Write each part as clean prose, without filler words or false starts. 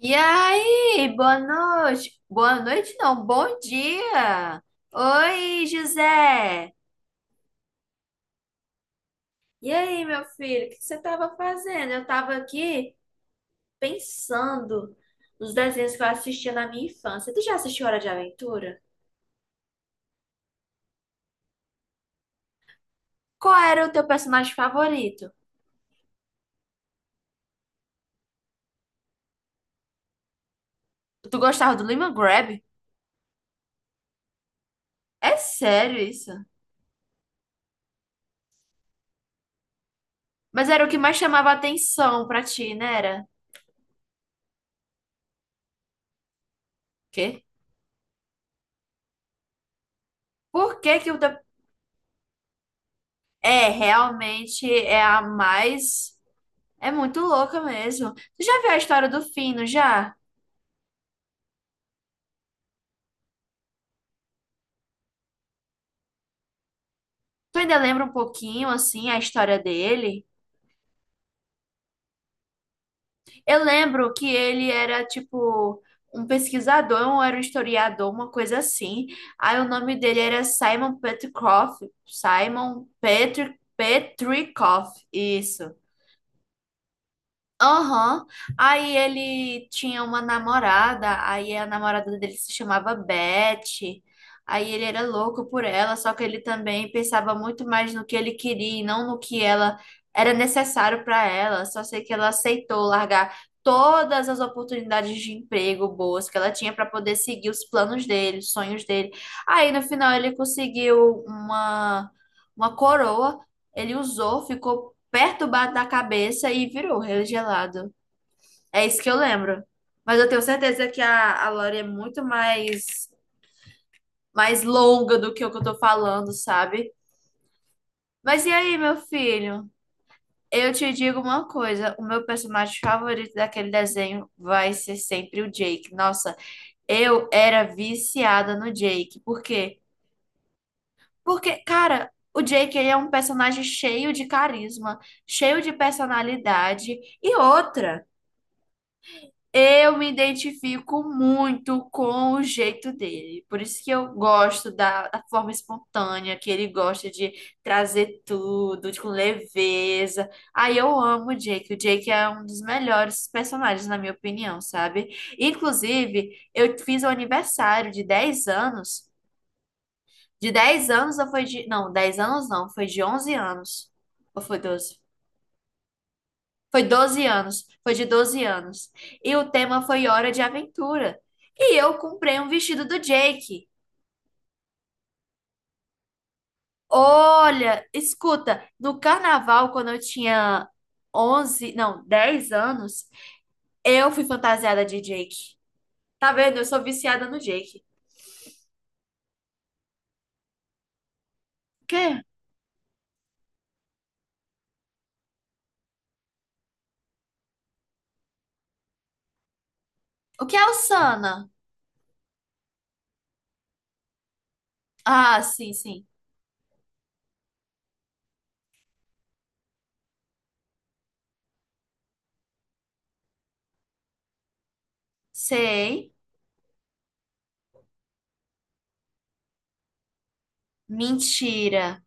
E aí, boa noite. Boa noite, não, bom dia. Oi, José. E aí, meu filho, o que que você estava fazendo? Eu estava aqui pensando nos desenhos que eu assistia na minha infância. Tu já assistiu Hora de Aventura? Qual era o teu personagem favorito? Tu gostava do Lima Grab? É sério isso? Mas era o que mais chamava atenção pra ti, né? Era? Quê? Por que que o teu... É, realmente é a mais É muito louca mesmo. Tu já viu a história do Fino, já? Tu ainda lembra um pouquinho, assim, a história dele? Eu lembro que ele era, tipo, um pesquisador, ou era um historiador, uma coisa assim. Aí o nome dele era Simon Petrikov. Simon Petrikov, isso. Aham. Aí ele tinha uma namorada, aí a namorada dele se chamava Beth. Aí ele era louco por ela, só que ele também pensava muito mais no que ele queria e não no que ela era necessário para ela. Só sei que ela aceitou largar todas as oportunidades de emprego boas que ela tinha para poder seguir os planos dele, os sonhos dele. Aí no final ele conseguiu uma coroa, ele usou, ficou perturbado na cabeça e virou regelado. É isso que eu lembro. Mas eu tenho certeza que a Lore é muito mais, mais longa do que o que eu tô falando, sabe? Mas e aí, meu filho? Eu te digo uma coisa, o meu personagem favorito daquele desenho vai ser sempre o Jake. Nossa, eu era viciada no Jake. Por quê? Porque, cara, o Jake ele é um personagem cheio de carisma, cheio de personalidade e outra. Eu me identifico muito com o jeito dele. Por isso que eu gosto da forma espontânea, que ele gosta de trazer com leveza. Aí eu amo o Jake. O Jake é um dos melhores personagens, na minha opinião, sabe? Inclusive, eu fiz o aniversário de 10 anos. De 10 anos ou foi de. Não, 10 anos não, foi de 11 anos. Ou foi 12? Foi 12 anos, foi de 12 anos. E o tema foi Hora de Aventura. E eu comprei um vestido do Jake. Olha, escuta, no carnaval, quando eu tinha 11 não, 10 anos, eu fui fantasiada de Jake. Tá vendo? Eu sou viciada no Jake. O quê? O que é o Sana? Ah, sim, sim. Sei. Mentira.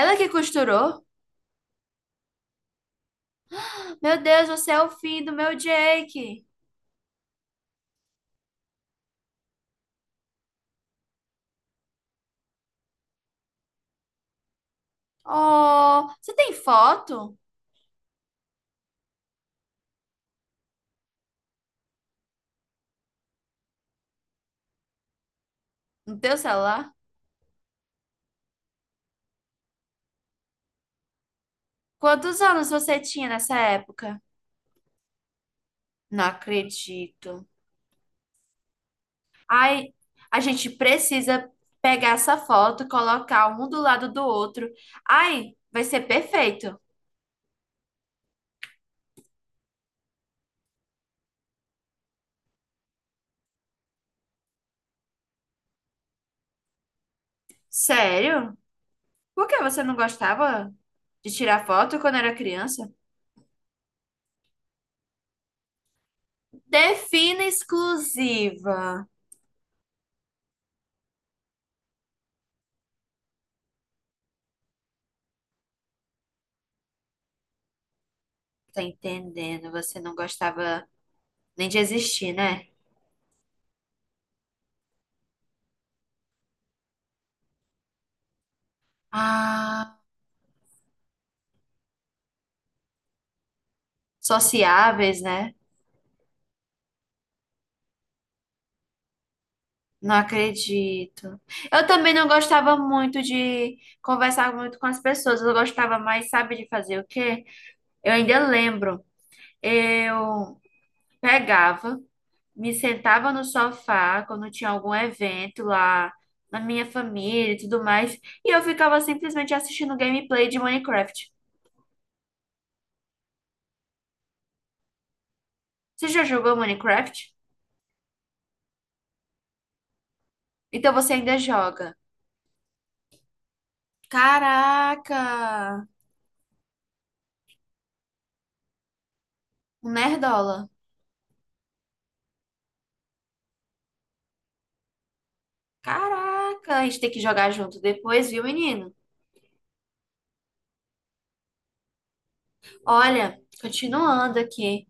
Ela que costurou? Meu Deus, você é o fim do meu Jake. Oh, você tem foto? No teu celular? Quantos anos você tinha nessa época? Não acredito. Ai, a gente precisa pegar essa foto, colocar um do lado do outro. Ai, vai ser perfeito. Sério? Por que você não gostava de tirar foto quando era criança? Defina exclusiva. Tá entendendo? Você não gostava nem de existir, né? Ah, sociáveis, né? Não acredito. Eu também não gostava muito de conversar muito com as pessoas. Eu gostava mais, sabe, de fazer o quê? Eu ainda lembro. Eu pegava, me sentava no sofá quando tinha algum evento lá na minha família e tudo mais, e eu ficava simplesmente assistindo gameplay de Minecraft. Você já jogou Minecraft? Então você ainda joga. Caraca! Um nerdola. Caraca, a gente tem que jogar junto depois, viu, menino? Olha, continuando aqui,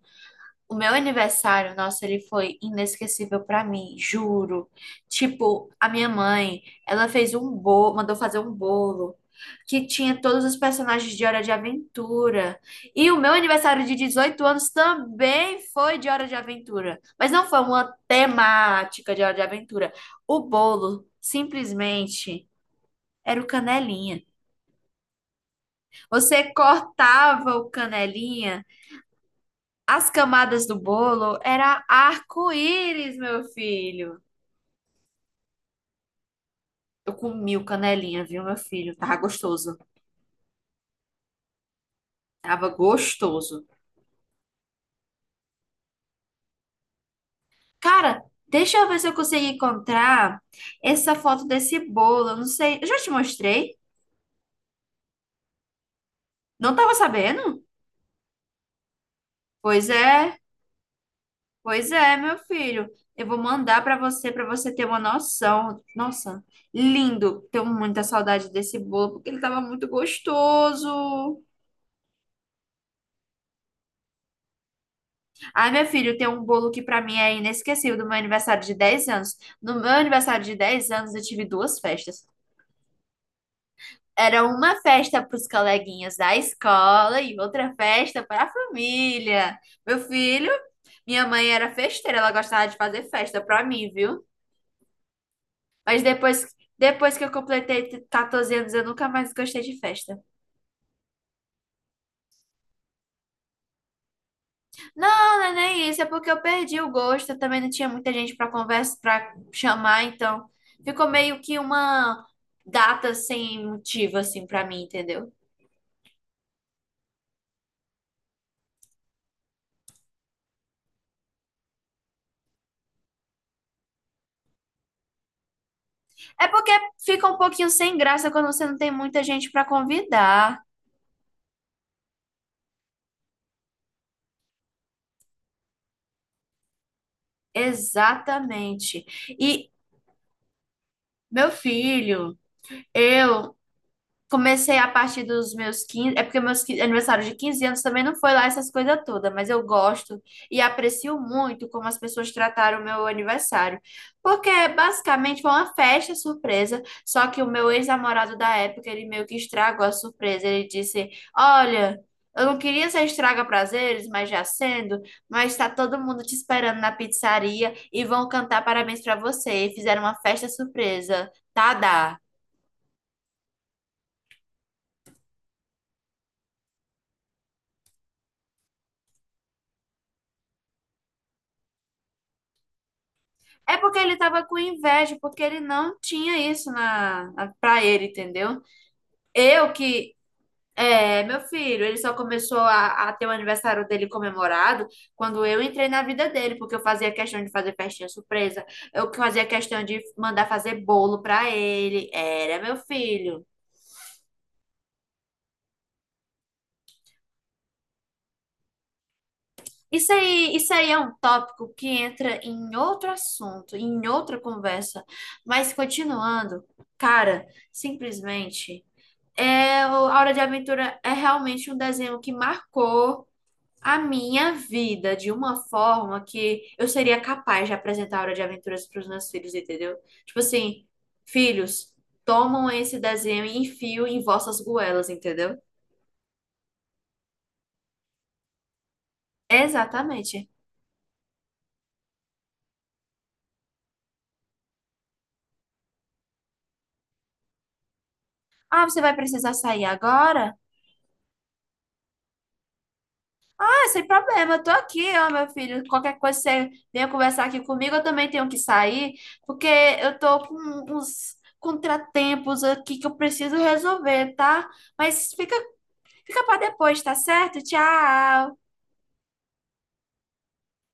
o meu aniversário, nossa, ele foi inesquecível pra mim, juro. Tipo, a minha mãe, ela fez um bolo, mandou fazer um bolo que tinha todos os personagens de Hora de Aventura. E o meu aniversário de 18 anos também foi de Hora de Aventura, mas não foi uma temática de Hora de Aventura. O bolo simplesmente era o canelinha. Você cortava o canelinha. As camadas do bolo era arco-íris, meu filho. Eu comi o canelinha, viu, meu filho? Tava gostoso. Tava gostoso. Cara, deixa eu ver se eu consigo encontrar essa foto desse bolo. Eu não sei. Eu já te mostrei? Não tava sabendo? Pois é, pois é, meu filho. Eu vou mandar pra você ter uma noção. Nossa, lindo. Tenho muita saudade desse bolo, porque ele tava muito gostoso. Ai, meu filho, tem um bolo que pra mim é inesquecível do meu aniversário de 10 anos. No meu aniversário de 10 anos, eu tive duas festas. Era uma festa para os coleguinhas da escola e outra festa para a família. Meu filho, minha mãe era festeira, ela gostava de fazer festa pra mim, viu? Mas depois, depois que eu completei 14 anos, eu nunca mais gostei de festa. Não, não é nem isso, é porque eu perdi o gosto, eu também não tinha muita gente para conversa, para chamar, então ficou meio que uma data sem motivo assim para mim, entendeu? É porque fica um pouquinho sem graça quando você não tem muita gente para convidar. Exatamente. E meu filho, eu Comecei a partir dos meus 15, é porque meus 15 aniversário de 15 anos também não foi lá essas coisas todas, mas eu gosto e aprecio muito como as pessoas trataram o meu aniversário. Porque basicamente foi uma festa surpresa, só que o meu ex-namorado da época, ele meio que estragou a surpresa. Ele disse: "Olha, eu não queria ser estraga prazeres, mas já sendo, mas tá todo mundo te esperando na pizzaria e vão cantar parabéns pra você. E fizeram uma festa surpresa. Tá, dá. É porque ele tava com inveja, porque ele não tinha isso na pra ele, entendeu? Eu que. É, meu filho, ele só começou a ter o aniversário dele comemorado quando eu entrei na vida dele, porque eu fazia questão de fazer festinha surpresa, eu que fazia questão de mandar fazer bolo pra ele. Era meu filho. Isso aí é um tópico que entra em outro assunto, em outra conversa. Mas continuando, cara, simplesmente. É, o A Hora de Aventura é realmente um desenho que marcou a minha vida de uma forma que eu seria capaz de apresentar a Hora de Aventuras para os meus filhos, entendeu? Tipo assim, filhos, tomam esse desenho e enfio em vossas goelas, entendeu? Exatamente. Ah, você vai precisar sair agora? É, sem problema, eu tô aqui, ó, meu filho. Qualquer coisa você venha conversar aqui comigo, eu também tenho que sair, porque eu tô com uns contratempos aqui que eu preciso resolver, tá? Mas fica, fica para depois, tá certo? Tchau!